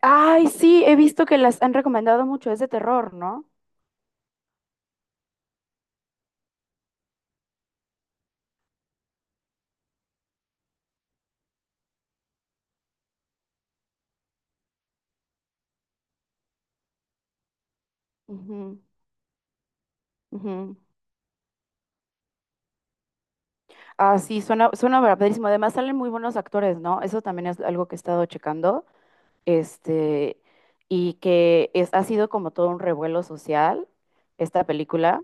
Ay, sí, he visto que las han recomendado mucho, es de terror, no. Ujú, ujú. Ah, sí, suena, suena verdadísimo. Además salen muy buenos actores, ¿no? Eso también es algo que he estado checando, este, y que es, ha sido como todo un revuelo social esta película.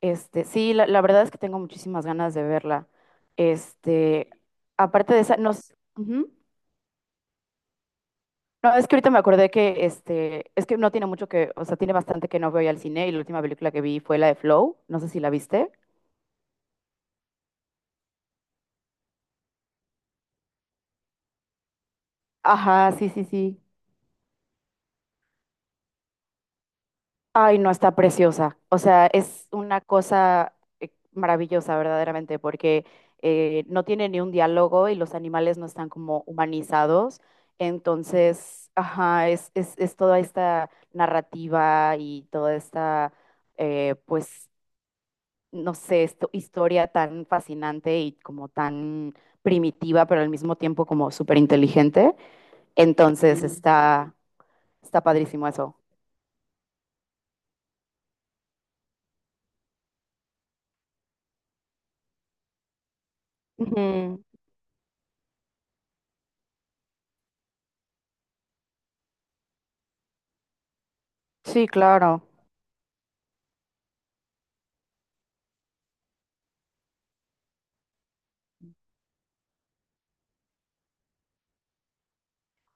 Sí, la verdad es que tengo muchísimas ganas de verla. Este, aparte de esa, nos... ujú. No, es que ahorita me acordé que es que no tiene mucho que, o sea, tiene bastante que no veo ya al cine y la última película que vi fue la de Flow, no sé si la viste. Ajá, sí, sí, sí. Ay, no, está preciosa. O sea, es una cosa maravillosa, verdaderamente, porque no tiene ni un diálogo y los animales no están como humanizados. Entonces, ajá, es toda esta narrativa y toda esta, eh, pues, no sé, historia tan fascinante y como tan primitiva, pero al mismo tiempo como súper inteligente. Entonces Mm. está, está padrísimo eso. Ujú. Sí, claro.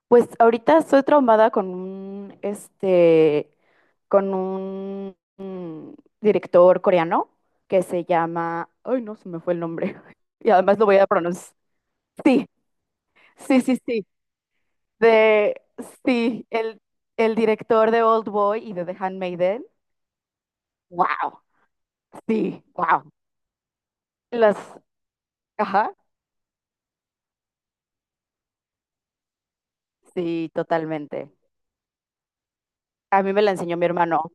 Pues ahorita estoy traumada con un director coreano que se llama, ay, no, se me fue el nombre. Y además lo voy a pronunciar. Sí, sí, sí, sí. De, sí, el director de Old Boy y de The Handmaiden. Wow, sí, wow. Las, ajá, sí, totalmente. A mí me la enseñó mi hermano.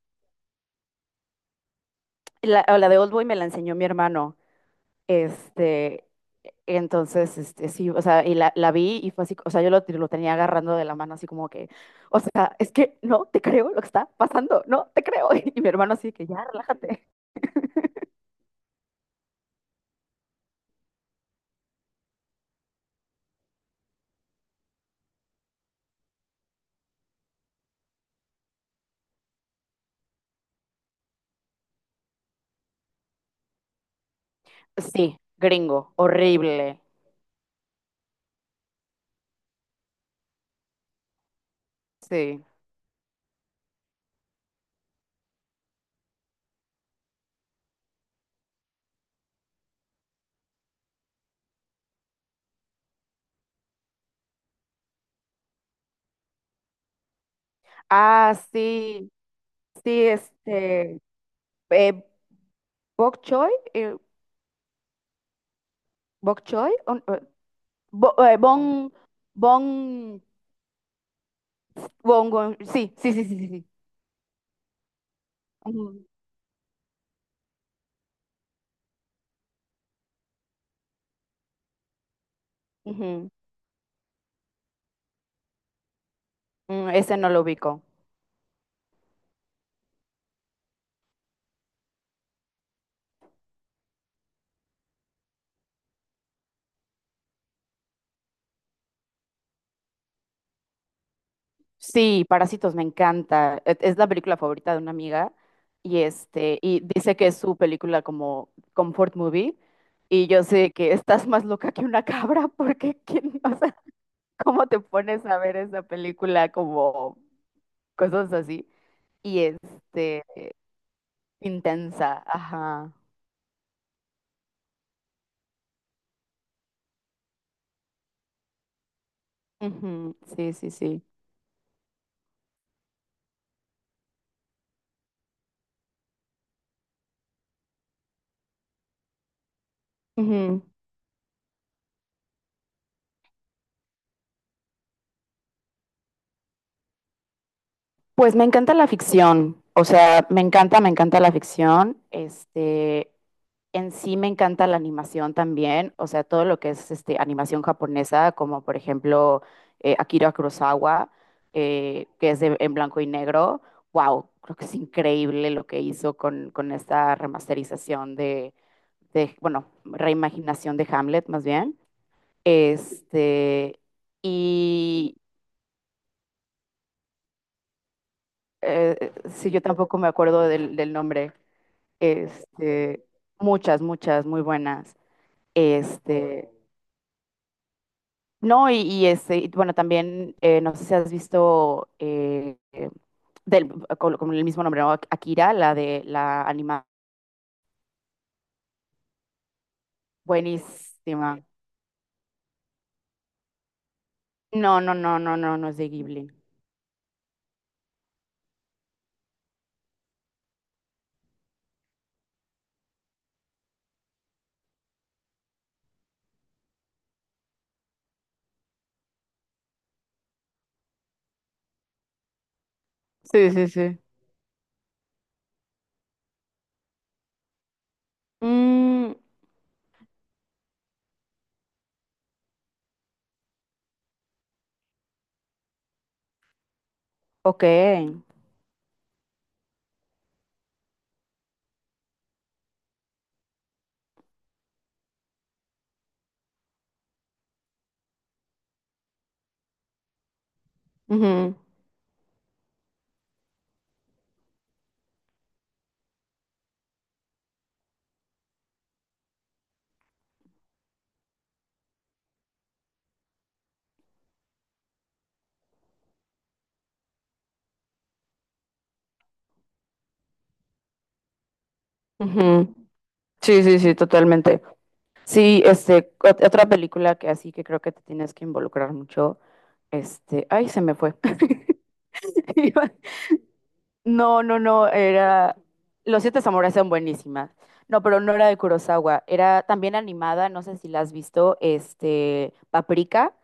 La, o la de Oldboy me la enseñó mi hermano. Este, entonces, sí, o sea, y la vi y fue así, o sea, yo lo tenía agarrando de la mano así como que, o sea, es que no te creo lo que está pasando, no te creo. Y mi hermano así que ya, relájate. Sí, gringo, horrible. Sí. Ah, sí, sí, eh, Bok Choy, Bok Choy, Bon, bon, bon, Gon- sí, sí, sí, sí, sí. Sí. Ujú, ujú. Mm, ese no lo ubico. Sí, Parásitos me encanta. E- Es la película favorita de una amiga y dice que es su película como comfort movie y yo sé que estás más loca que una cabra porque ¿quién, o sea, cómo te pones a ver esa película como cosas así y intensa, ajá. Ujú, Sí, sí, sí. Ujú. Pues me encanta la ficción, o sea, me encanta la ficción, en sí me encanta la animación también, o sea, todo lo que es animación japonesa, como por ejemplo Akira Kurosawa, que es de- en blanco y negro, wow, creo que es increíble lo que hizo con esta remasterización de, bueno, reimaginación de Hamlet más bien, este, y sí, yo tampoco me acuerdo del nombre. Este, muchas, muchas, muy buenas. Este, no, y bueno, también, no sé si has visto del, con el mismo nombre, ¿no? Akira, la de la animada. Buenísima. No, no, no, no, no, no es de Ghibli. Sí, sí, sí. Mm, ok. Ujú, ujú. Sí, sí, sí, totalmente. Sí, ot- otra película que así que creo que te tienes que involucrar mucho. Ay, se me fue. No, no, no, era... Los Siete Samuráis son buenísimas. No, pero no era de Kurosawa, era también animada, no sé si la has visto, Paprika,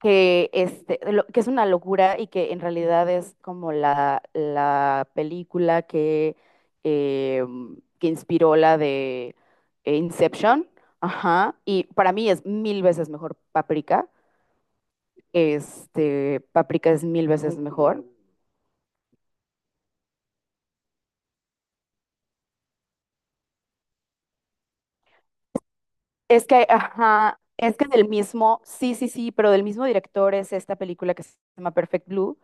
que es una locura y que en realidad es como la película eh, que inspiró la de Inception. Ajá, y para mí es mil veces mejor Paprika. Este, Paprika es mil veces mejor. Es que, ajá, es que del mismo, sí, sí, sí, pero del mismo director es esta película que se llama Perfect Blue,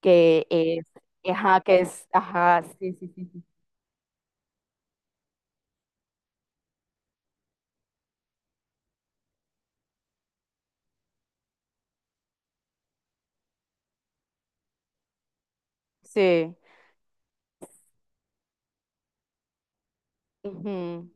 que es, ajá, que es, ajá, sí, sí, sí, sí. Sí, ujú,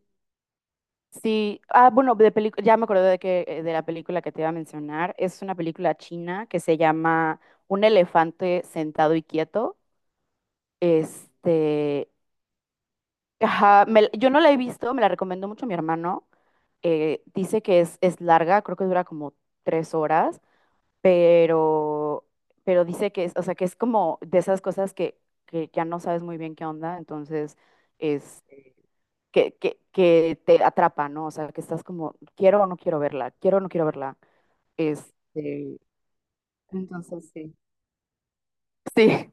Sí, ah, bueno, de pelic- ya me acordé de que, de la película que te iba a mencionar, es una película china que se llama Un elefante sentado y quieto, este, ajá, me la- yo no la he visto, me la recomendó mucho mi hermano, dice que es larga, creo que dura como 3 horas, pero, pero dice que es, o sea, que es como de esas cosas que ya no sabes muy bien qué onda, entonces es que te atrapa, ¿no? O sea, que estás como, quiero o no quiero verla, quiero o no quiero verla. Este, entonces sí. Sí,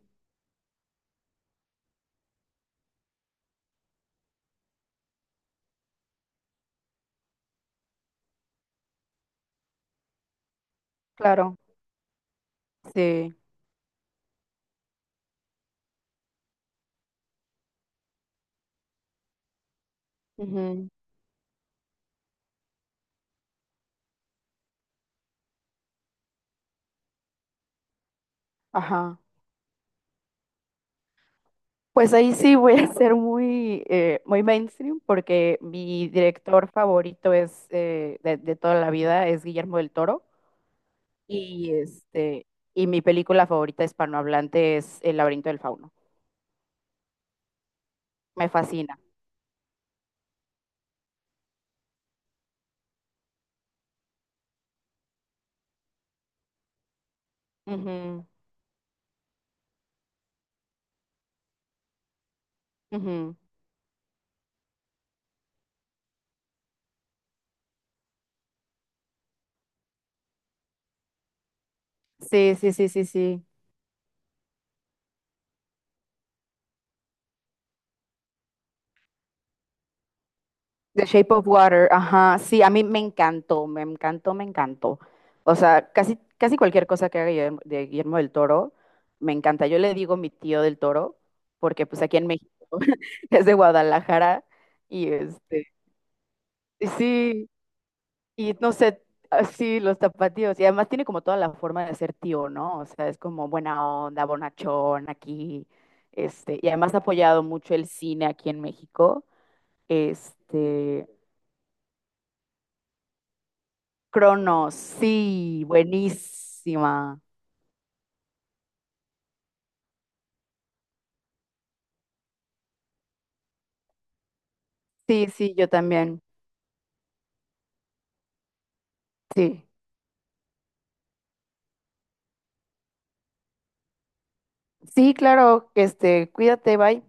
claro, sí. Ujú, Ajá. Pues ahí sí voy a ser muy, muy mainstream porque mi director favorito es de toda la vida es Guillermo del Toro. Y este, y mi película favorita hispanohablante es El laberinto del fauno. Me fascina. Ujú, ujú. Sí, sí, sí, sí, sí. The Shape of Water, ajá. Sí, a mí me encantó, me encantó, me encantó. O sea, casi, casi cualquier cosa que haga Guillermo, de Guillermo del Toro, me encanta. Yo le digo mi tío del Toro, porque pues aquí en México es de Guadalajara y este, sí. Y no sé, así los tapatíos. Y además tiene como toda la forma de ser tío, ¿no? O sea, es como buena onda, bonachón aquí. Y además ha apoyado mucho el cine aquí en México. Este, Cronos, sí, buenísima. Sí, sí, yo también. Sí. Sí, claro, cuídate, bye.